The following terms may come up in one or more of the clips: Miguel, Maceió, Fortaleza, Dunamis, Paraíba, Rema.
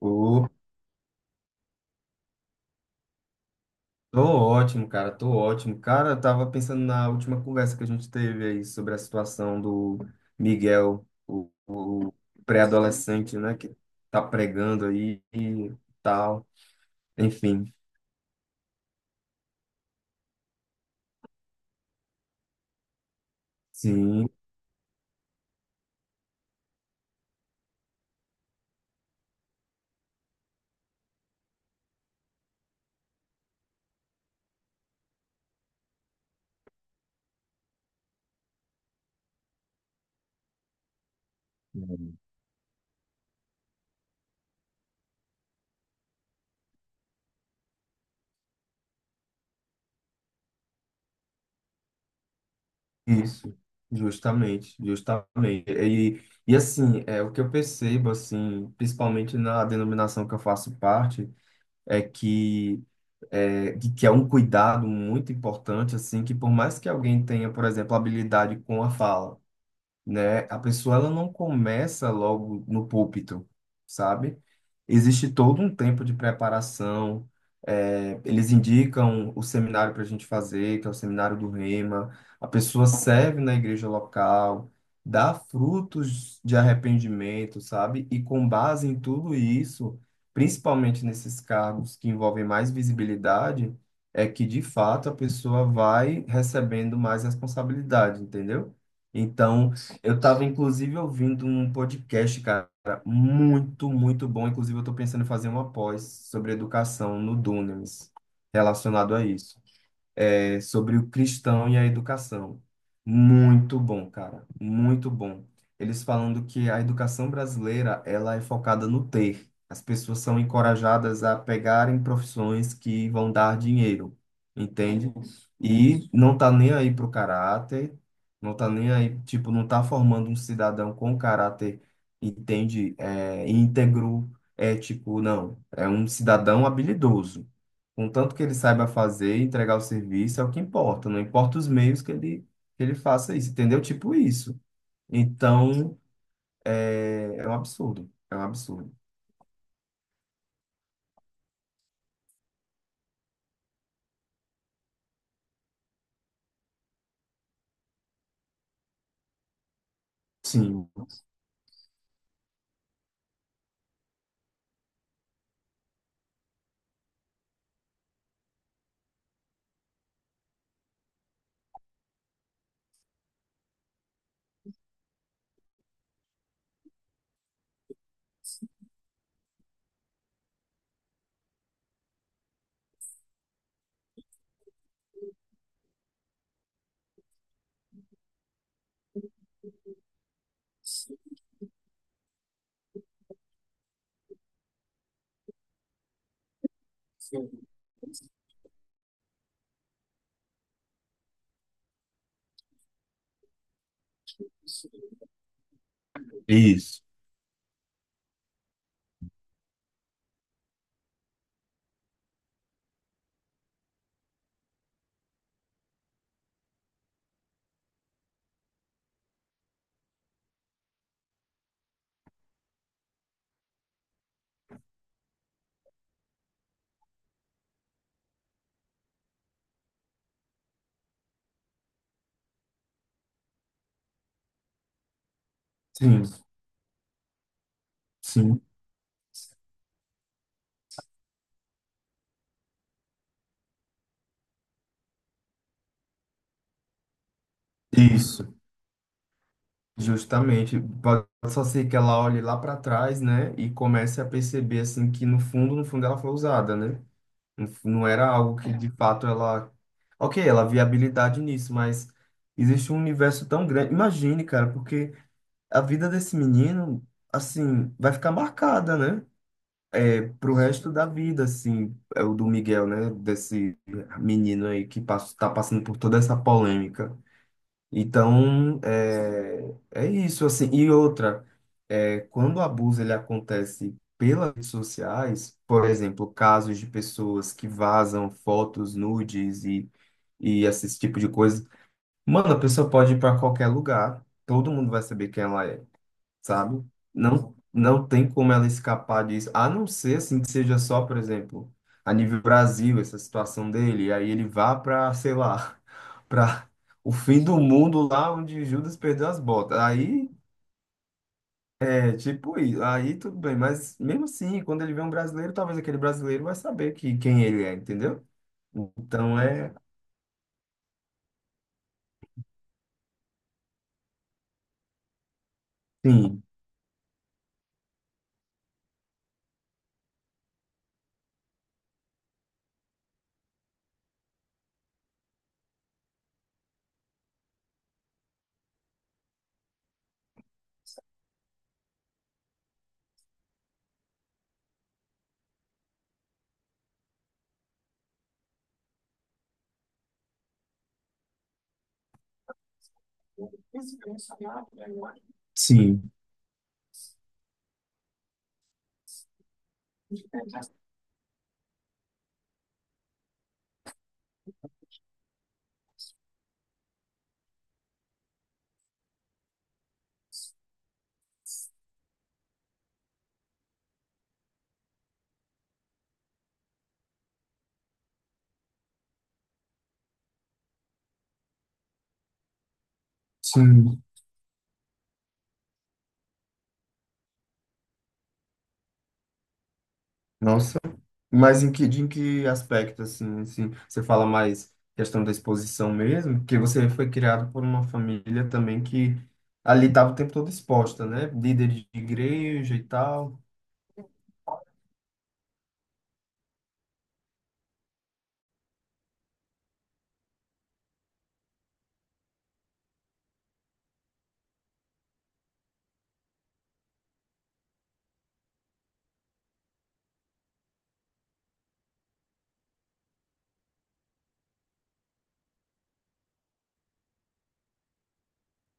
Ô, tô ótimo. Cara, eu tava pensando na última conversa que a gente teve aí sobre a situação do Miguel, o pré-adolescente, né, que tá pregando aí e tal. Enfim, sim. Hum. Isso, justamente, justamente. E assim, é o que eu percebo, assim, principalmente na denominação que eu faço parte. É que é, de que é um cuidado muito importante, assim, que por mais que alguém tenha, por exemplo, habilidade com a fala, né? A pessoa ela não começa logo no púlpito, sabe? Existe todo um tempo de preparação. É, eles indicam o seminário para a gente fazer, que é o seminário do Rema. A pessoa serve na igreja local, dá frutos de arrependimento, sabe? E com base em tudo isso, principalmente nesses cargos que envolvem mais visibilidade, é que de fato a pessoa vai recebendo mais responsabilidade, entendeu? Então, eu tava, inclusive, ouvindo um podcast, cara, muito, muito bom. Inclusive, eu tô pensando em fazer uma pós sobre educação no Dunamis, relacionado a isso. É, sobre o cristão e a educação. Muito bom, cara, muito bom. Eles falando que a educação brasileira, ela é focada no ter. As pessoas são encorajadas a pegarem profissões que vão dar dinheiro, entende? E não tá nem aí pro caráter, não tá nem aí, tipo, não tá formando um cidadão com caráter, entende? É, íntegro, ético, não. É um cidadão habilidoso. Contanto que ele saiba fazer e entregar o serviço, é o que importa. Não importa os meios que ele faça isso, entendeu? Tipo isso. Então, é, é um absurdo. É um absurdo. Sim, isso. Sim, sim, isso. Justamente. Pode só ser que ela olhe lá para trás, né? E comece a perceber, assim, que no fundo, no fundo ela foi usada, né? Não era algo que de fato ela. Ok, ela via habilidade nisso, mas existe um universo tão grande. Imagine, cara, porque a vida desse menino, assim, vai ficar marcada, né? É, pro resto da vida, assim, é o do Miguel, né? Desse menino aí que passa, tá passando por toda essa polêmica. Então, é, é isso, assim. E outra, é, quando o abuso ele acontece pelas redes sociais, por exemplo, casos de pessoas que vazam fotos nudes e esse tipo de coisa, mano, a pessoa pode ir para qualquer lugar, todo mundo vai saber quem ela é, sabe? Não tem como ela escapar disso, a não ser assim que seja só, por exemplo, a nível Brasil, essa situação dele, e aí ele vá para, sei lá, para o fim do mundo lá onde Judas perdeu as botas. Aí é tipo, isso, aí tudo bem, mas mesmo assim, quando ele vê um brasileiro, talvez aquele brasileiro vai saber que quem ele é, entendeu? Então é, sim. Sim, sim. Nossa, mas em que, de em que aspecto, assim, assim, você fala mais questão da exposição mesmo? Porque você foi criado por uma família também que ali estava o tempo todo exposta, né? Líder de igreja e tal.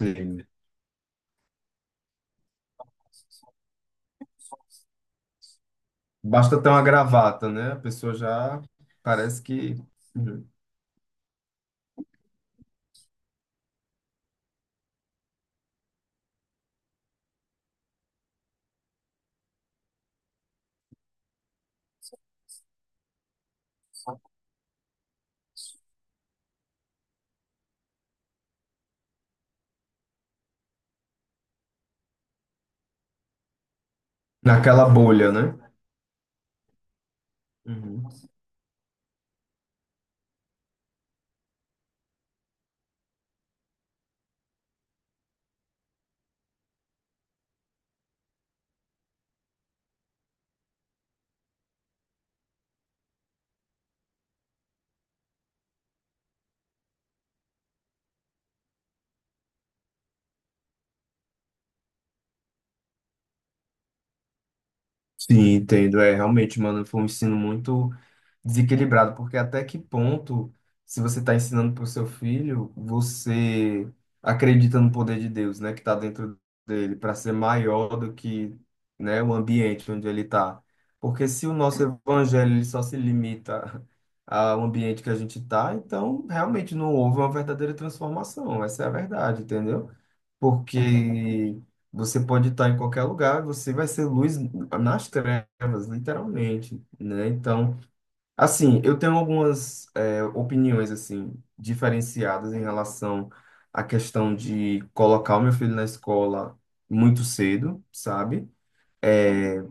Sim. Basta ter uma gravata, né? A pessoa já parece que, uhum, naquela bolha, né? Uhum. Sim, entendo. É, realmente, mano, foi um ensino muito desequilibrado, porque até que ponto, se você está ensinando para o seu filho, você acredita no poder de Deus, né, que está dentro dele, para ser maior do que, né, o ambiente onde ele está. Porque se o nosso evangelho ele só se limita ao ambiente que a gente está, então realmente não houve uma verdadeira transformação. Essa é a verdade, entendeu? Porque você pode estar em qualquer lugar, você vai ser luz nas trevas, literalmente, né? Então, assim, eu tenho algumas opiniões assim diferenciadas em relação à questão de colocar o meu filho na escola muito cedo, sabe? Eh,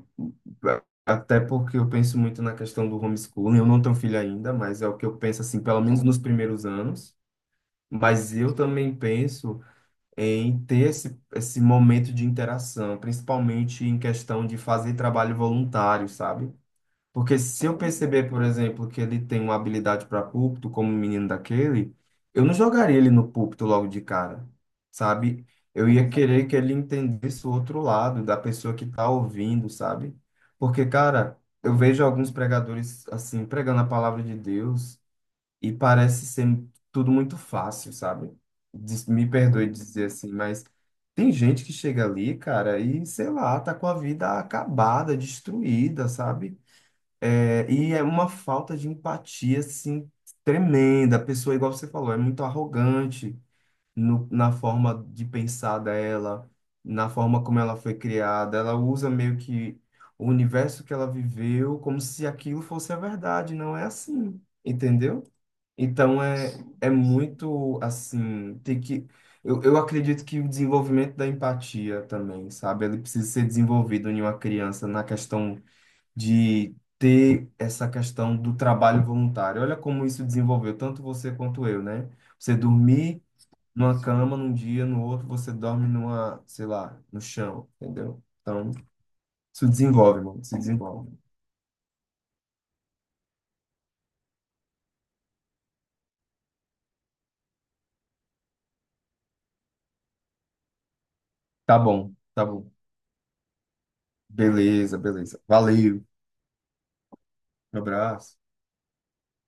até porque eu penso muito na questão do homeschooling. Eu não tenho filho ainda, mas é o que eu penso assim, pelo menos nos primeiros anos. Mas eu também penso em ter esse momento de interação, principalmente em questão de fazer trabalho voluntário, sabe? Porque se eu perceber, por exemplo, que ele tem uma habilidade para púlpito, como o menino daquele, eu não jogaria ele no púlpito logo de cara, sabe? Eu ia querer que ele entendesse o outro lado da pessoa que tá ouvindo, sabe? Porque, cara, eu vejo alguns pregadores, assim, pregando a palavra de Deus e parece ser tudo muito fácil, sabe? Me perdoe dizer assim, mas tem gente que chega ali, cara, e sei lá, tá com a vida acabada, destruída, sabe? É, e é uma falta de empatia, assim, tremenda. A pessoa, igual você falou, é muito arrogante na forma de pensar dela, na forma como ela foi criada. Ela usa meio que o universo que ela viveu como se aquilo fosse a verdade. Não é assim, entendeu? Então, é, é muito, assim, tem que... Eu, acredito que o desenvolvimento da empatia também, sabe? Ele precisa ser desenvolvido em uma criança na questão de ter essa questão do trabalho voluntário. Olha como isso desenvolveu tanto você quanto eu, né? Você dormir numa cama num dia, no outro você dorme numa, sei lá, no chão, entendeu? Então, isso desenvolve, mano, isso desenvolve. Tá bom, tá bom. Beleza, beleza. Valeu. Um abraço.